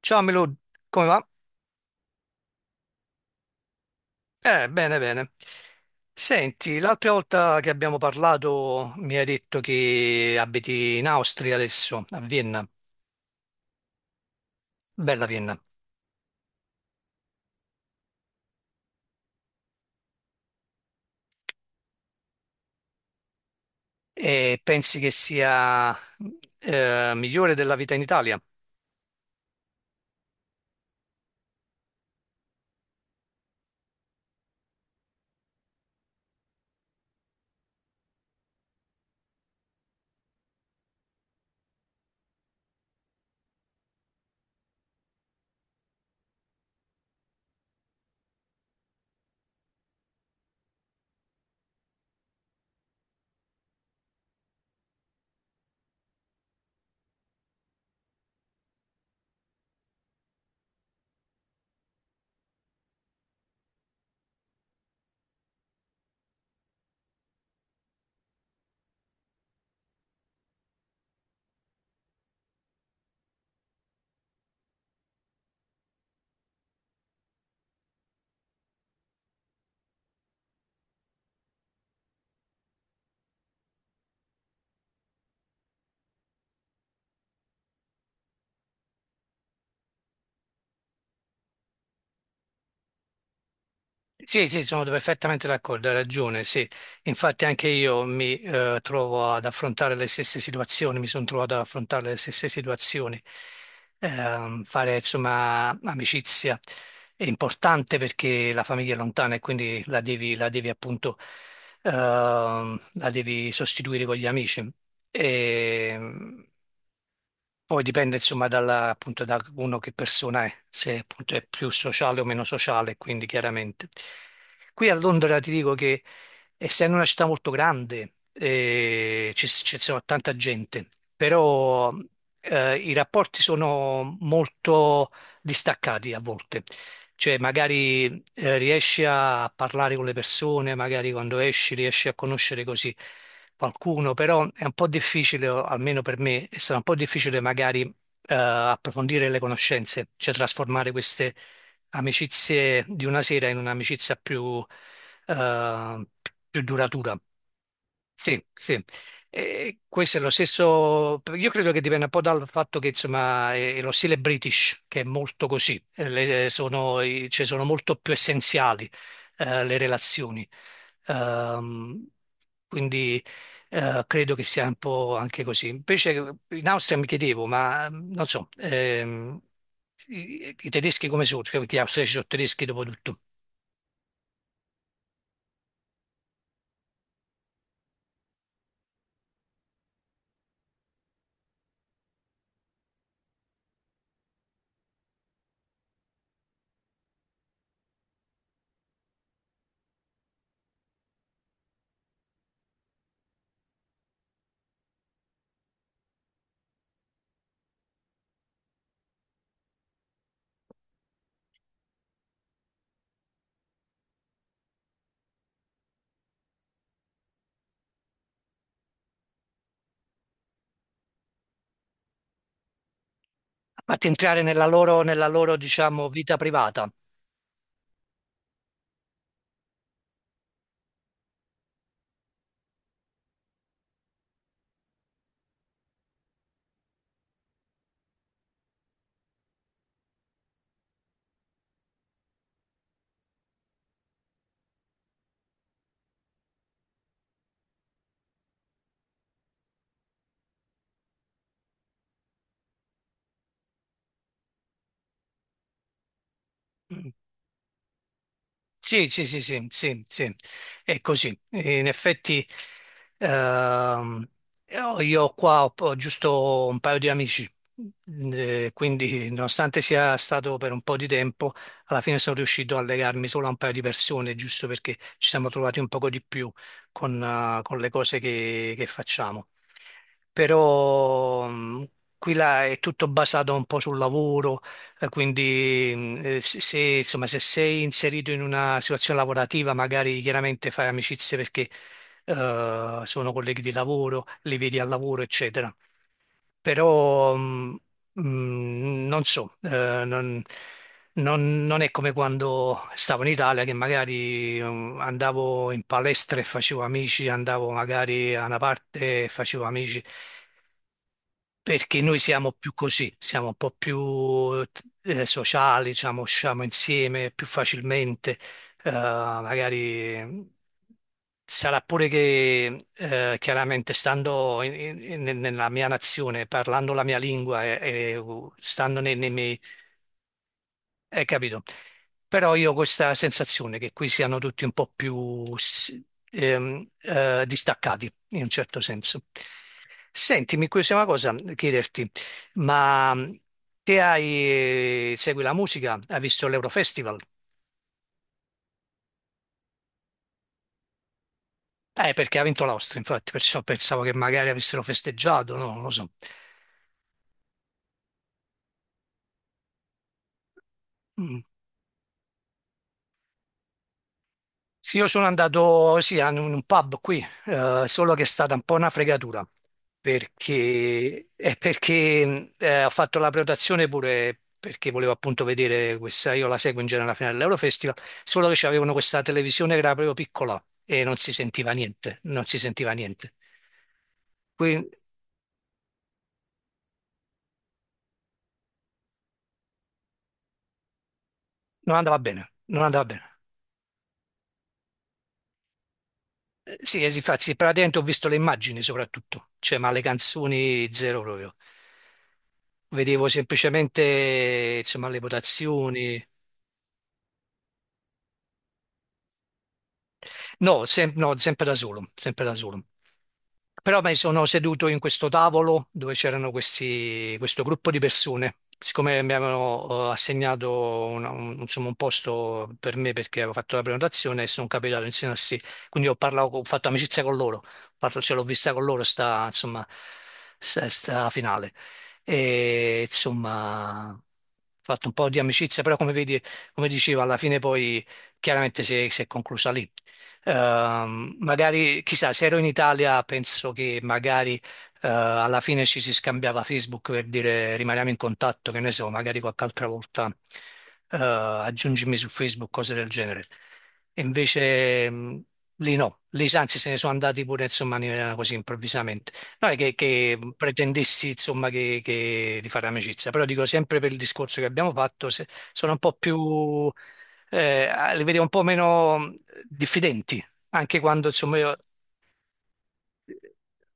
Ciao Milud, come va? Bene, bene. Senti, l'altra volta che abbiamo parlato mi hai detto che abiti in Austria adesso, a Vienna, bella Vienna, e pensi che sia migliore della vita in Italia? Sì, sì, sono perfettamente d'accordo, hai ragione, sì. Infatti anche io mi trovo ad affrontare le stesse situazioni, mi sono trovato ad affrontare le stesse situazioni. Fare insomma amicizia è importante perché la famiglia è lontana e quindi la devi appunto la devi sostituire con gli amici. E, poi dipende insomma dalla, appunto da uno che persona è, se appunto è più sociale o meno sociale, quindi chiaramente. Qui a Londra ti dico che essendo una città molto grande ci sono tanta gente, però i rapporti sono molto distaccati a volte. Cioè magari riesci a parlare con le persone, magari quando esci riesci a conoscere così qualcuno, però è un po' difficile, o almeno per me, è stato un po' difficile magari approfondire le conoscenze, cioè trasformare queste amicizie di una sera in un'amicizia più, eh, più duratura. Sì, sì. E questo è lo stesso, io credo che dipenda un po' dal fatto che insomma è lo stile British che è molto così. Sono, cioè, sono molto più essenziali le relazioni. Ehm, quindi credo che sia un po' anche così. Invece in Austria mi chiedevo, ma non so, i tedeschi come sono? Cioè, perché gli austriaci sono tedeschi dopo tutto. A parte entrare nella loro diciamo, vita privata. Mm. Sì, sì, sì, sì, sì, sì, è così. In effetti, ehm, io qua ho, ho giusto un paio di amici, quindi nonostante sia stato per un po' di tempo, alla fine sono riuscito a legarmi solo a un paio di persone, giusto perché ci siamo trovati un poco di più con le cose che facciamo. Però, qui là è tutto basato un po' sul lavoro. Quindi se, se, insomma, se sei inserito in una situazione lavorativa, magari chiaramente fai amicizie perché sono colleghi di lavoro, li vedi al lavoro, eccetera. Però non so, non è come quando stavo in Italia che magari andavo in palestra e facevo amici, andavo magari a una parte e facevo amici perché noi siamo più così, siamo un po' più eh, sociali, diciamo, usciamo insieme più facilmente, magari sarà pure che chiaramente stando in- in- in- nella mia nazione, parlando la mia lingua e, stando nei, nei miei capito. Però io ho questa sensazione che qui siano tutti un po' più distaccati, in un certo senso. Senti, mi incuriosiva una cosa chiederti, ma te hai, segui la musica? Hai visto l'Eurofestival? Perché ha vinto l'Austria, infatti, perciò pensavo che magari avessero festeggiato, no, non lo so. Mm. Sì, io sono andato, sì, a un pub qui, solo che è stata un po' una fregatura, perché, ho fatto la prenotazione pure perché volevo appunto vedere questa, io la seguo in genere alla fine dell'Eurofestival, solo che c'avevano questa televisione che era proprio piccola e non si sentiva niente, non si sentiva niente, quindi non andava bene, non andava bene. Sì, sì, infatti, praticamente ho visto le immagini soprattutto, cioè, ma le canzoni zero proprio. Vedevo semplicemente, insomma, le votazioni. No, sempre da solo, sempre da solo. Però mi sono seduto in questo tavolo dove c'erano questi, questo gruppo di persone. Siccome mi avevano assegnato insomma, un posto per me perché avevo fatto la prenotazione e sono capitato insieme a sì. Quindi ho parlato, ho fatto amicizia con loro. Ce l'ho vista con loro sta, insomma, sta finale. E insomma, ho fatto un po' di amicizia, però come vedi, come dicevo, alla fine poi chiaramente si è conclusa lì. Magari, chissà, se ero in Italia penso che magari alla fine ci si scambiava Facebook per dire rimaniamo in contatto, che ne so, magari qualche altra volta aggiungimi su Facebook, cose del genere. E invece lì no, lì anzi se ne sono andati pure insomma in maniera così improvvisamente. Non è che pretendessi insomma di fare amicizia, però dico sempre per il discorso che abbiamo fatto, sono un po' più li vedi un po' meno diffidenti, anche quando insomma,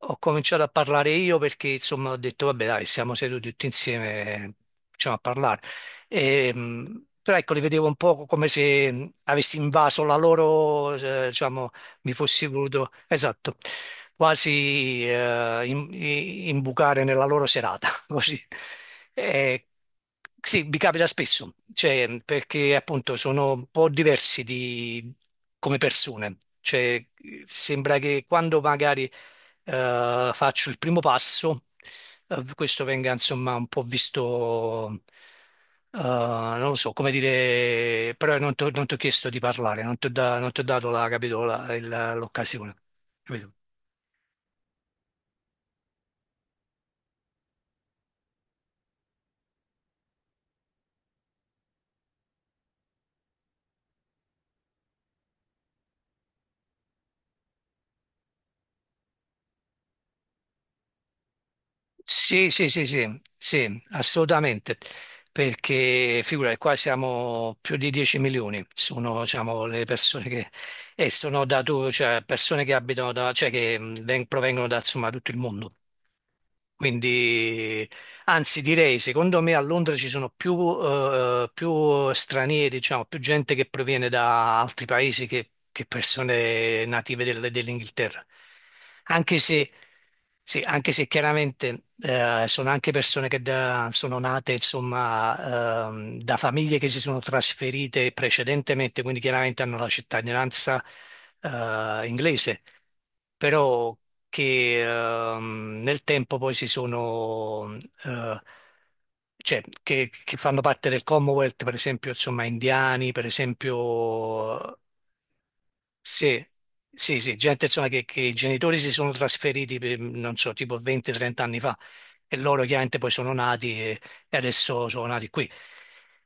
ho cominciato a parlare io perché insomma ho detto vabbè dai siamo seduti tutti insieme cominciamo a parlare. Però ecco li vedevo un po' come se avessi invaso la loro diciamo mi fossi voluto esatto quasi imbucare nella loro serata così. Eh, sì mi capita spesso cioè perché appunto sono un po' diversi di, come persone cioè sembra che quando magari faccio il primo passo, questo venga insomma un po' visto, non lo so come dire, però non ti ho chiesto di parlare, non ti ho dato la, capito, l'occasione. Capito? Sì, sì, sì, sì, sì, assolutamente, perché figura, qua siamo più di 10 milioni, sono diciamo, le persone che, e sono da tu, cioè persone che abitano da, cioè che provengono da insomma, tutto il mondo. Quindi, anzi, direi, secondo me a Londra ci sono più, più stranieri, diciamo, più gente che proviene da altri paesi che persone native dell'Inghilterra. Anche se, sì, anche se chiaramente sono anche persone sono nate, insomma, da famiglie che si sono trasferite precedentemente, quindi chiaramente hanno la cittadinanza inglese. Però che nel tempo poi si sono, eh, cioè, che fanno parte del Commonwealth, per esempio, insomma, indiani, per esempio, sì, sì, sì, gente insomma che i genitori si sono trasferiti, per, non so, tipo 20-30 anni fa e loro chiaramente poi sono nati e adesso sono nati qui.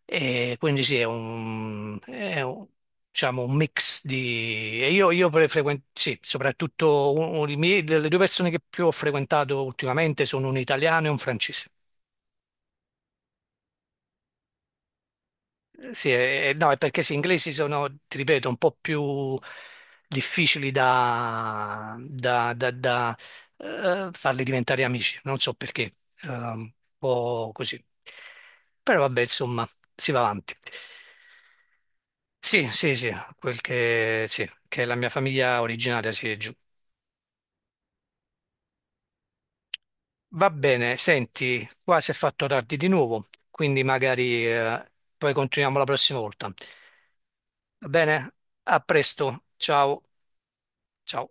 E quindi sì, diciamo, un mix di... E io sì, soprattutto le due persone che più ho frequentato ultimamente sono un italiano e un francese. Sì, no, è perché sì, gli inglesi sono, ti ripeto, un po' più difficili da farli diventare amici, non so perché, un po' così. Però vabbè, insomma, si va avanti. Sì, sì, sì, che la mia famiglia originaria si è giù. Va bene, senti, qua si è fatto tardi di nuovo, quindi magari, poi continuiamo la prossima volta. Va bene? A presto, ciao, ciao.